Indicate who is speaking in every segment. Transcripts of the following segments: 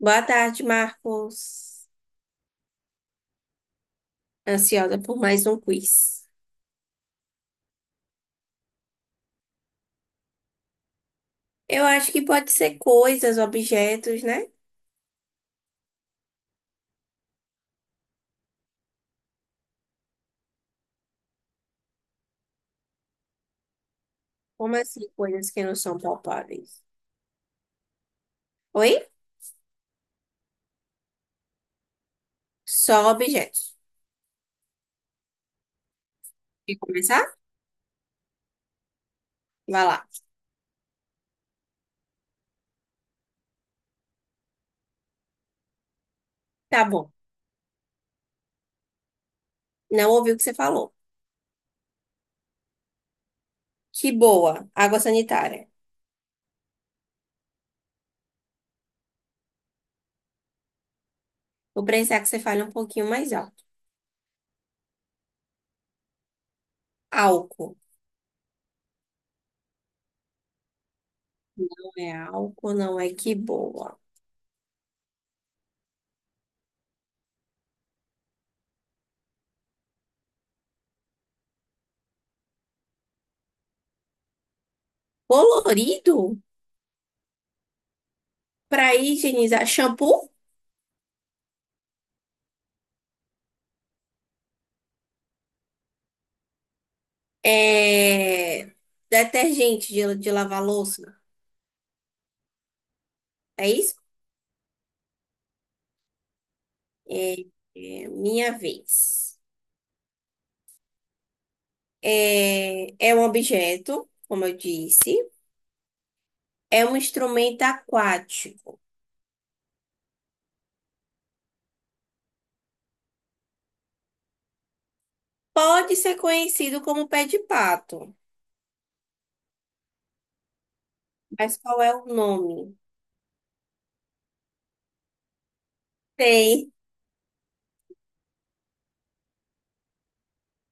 Speaker 1: Boa tarde, Marcos. Ansiosa por mais um quiz. Eu acho que pode ser coisas, objetos, né? Como assim, coisas que não são palpáveis? Oi? Só objetos. Quer começar? Vai lá. Tá bom. Não ouvi o que você falou. Que boa. Água sanitária. Vou precisar que você fale um pouquinho mais alto. Álcool. Não é álcool, não é que boa. Colorido? Pra higienizar. Shampoo? É... Detergente de lavar louça? É isso? É, é, minha vez. É um objeto, como eu disse. É um instrumento aquático. Pode ser conhecido como pé de pato. Mas qual é o nome? Tem.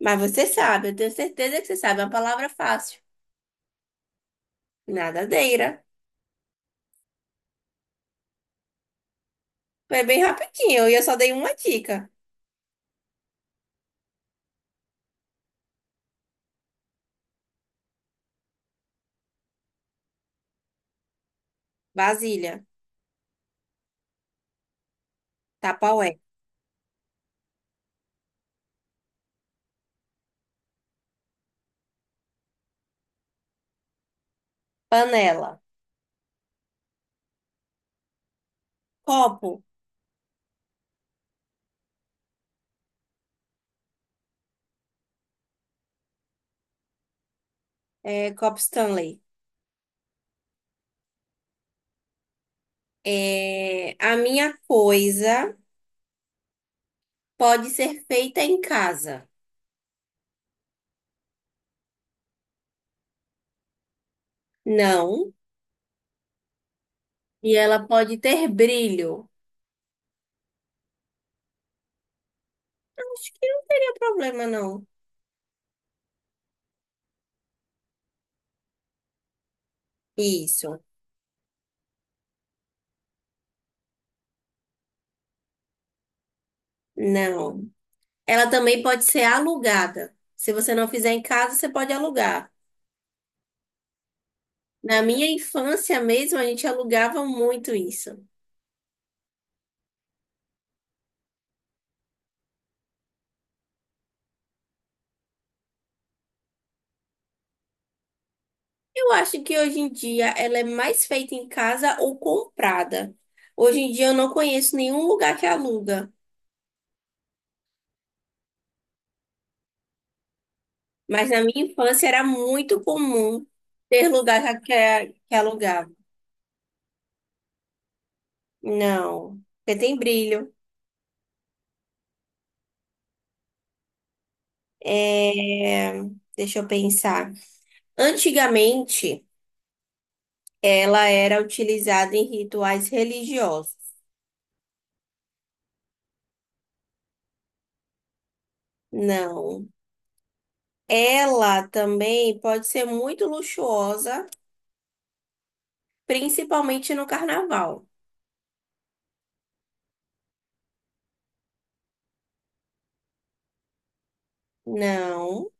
Speaker 1: Mas você sabe, eu tenho certeza que você sabe. É uma palavra fácil. Nadadeira. Foi bem rapidinho. E eu só dei uma dica. Vasilha. Tapaué. Panela. Copo. É, copo Stanley. É, a minha coisa. Pode ser feita em casa. Não. E ela pode ter brilho. Acho que não teria problema, não. Isso. Não. Ela também pode ser alugada. Se você não fizer em casa, você pode alugar. Na minha infância mesmo, a gente alugava muito isso. Eu acho que hoje em dia ela é mais feita em casa ou comprada. Hoje em dia eu não conheço nenhum lugar que aluga, mas na minha infância era muito comum ter lugar que alugava. Não, porque tem brilho. É, deixa eu pensar. Antigamente, ela era utilizada em rituais religiosos. Não. Ela também pode ser muito luxuosa, principalmente no carnaval. Não.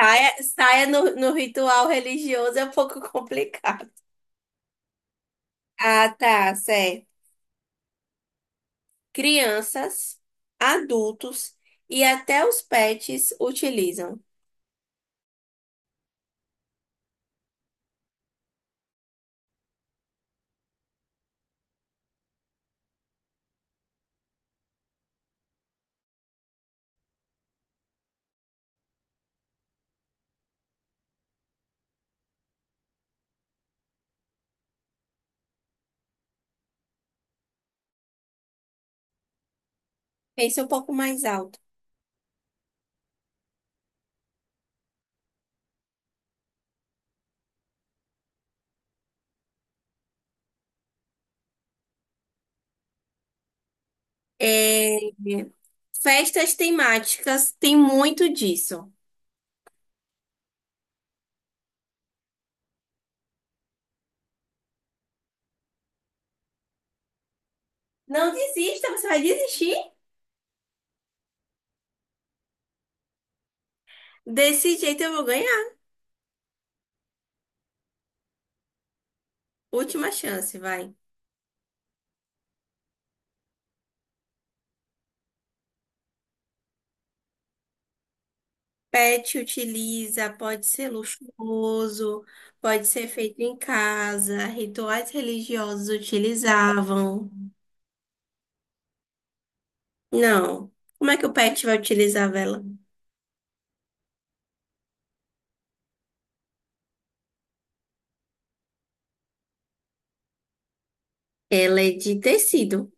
Speaker 1: Saia, saia no ritual religioso é um pouco complicado. Ah, tá, certo. Crianças, adultos e até os pets utilizam. Pense um pouco mais alto. É, festas temáticas tem muito disso. Não desista, você vai desistir? Desse jeito eu vou ganhar. Última chance, vai. Pet utiliza, pode ser luxuoso, pode ser feito em casa, rituais religiosos utilizavam. Não. Como é que o pet vai utilizar a vela? Ela é de tecido.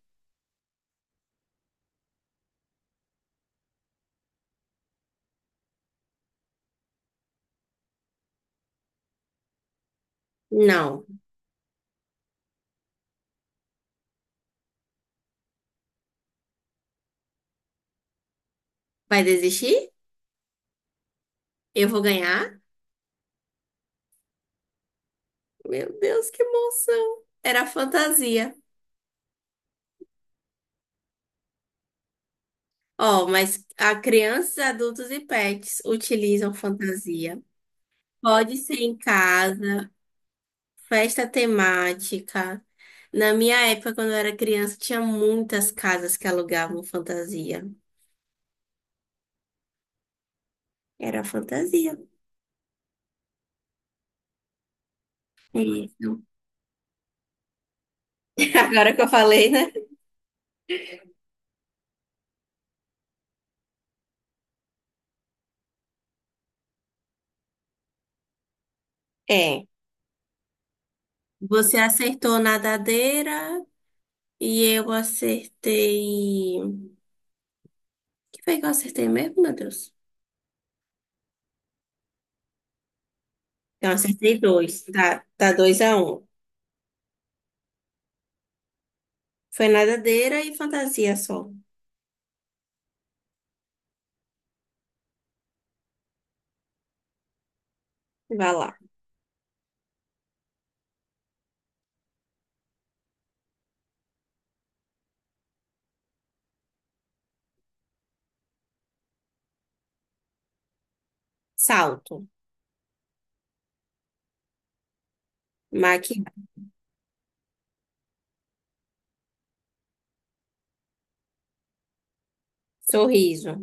Speaker 1: Não. Vai desistir? Eu vou ganhar? Meu Deus, que emoção. Era fantasia. Ó, mas a crianças, adultos e pets utilizam fantasia. Pode ser em casa, festa temática. Na minha época, quando eu era criança, tinha muitas casas que alugavam fantasia. Era fantasia. Isso. Agora que eu falei, né? É. Você acertou nadadeira e eu acertei. O que foi que eu acertei mesmo, meu Deus? Eu acertei dois. Tá, tá 2 a 1. Foi nadadeira e fantasia só. Vai lá. Salto, maquiagem, sorriso,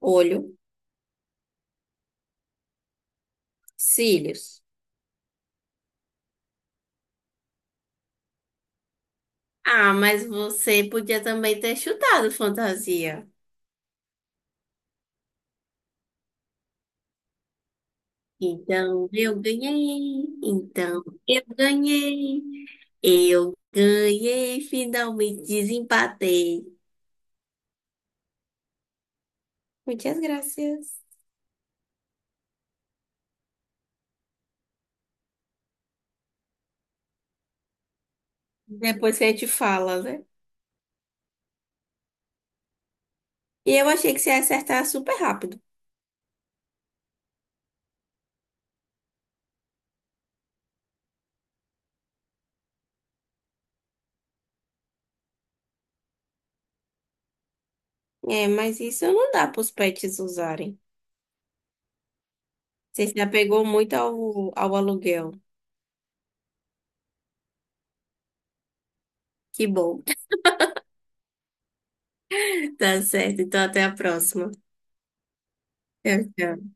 Speaker 1: olho, cílios. Ah, mas você podia também ter chutado fantasia. Então eu ganhei. Então eu ganhei. Eu ganhei. Finalmente desempatei. Muitas graças. Depois que a gente fala, né? E eu achei que você ia acertar super rápido. É, mas isso não dá para os pets usarem. Você se apegou muito ao aluguel. Que bom. Tá certo, então até a próxima. Tchau, tchau.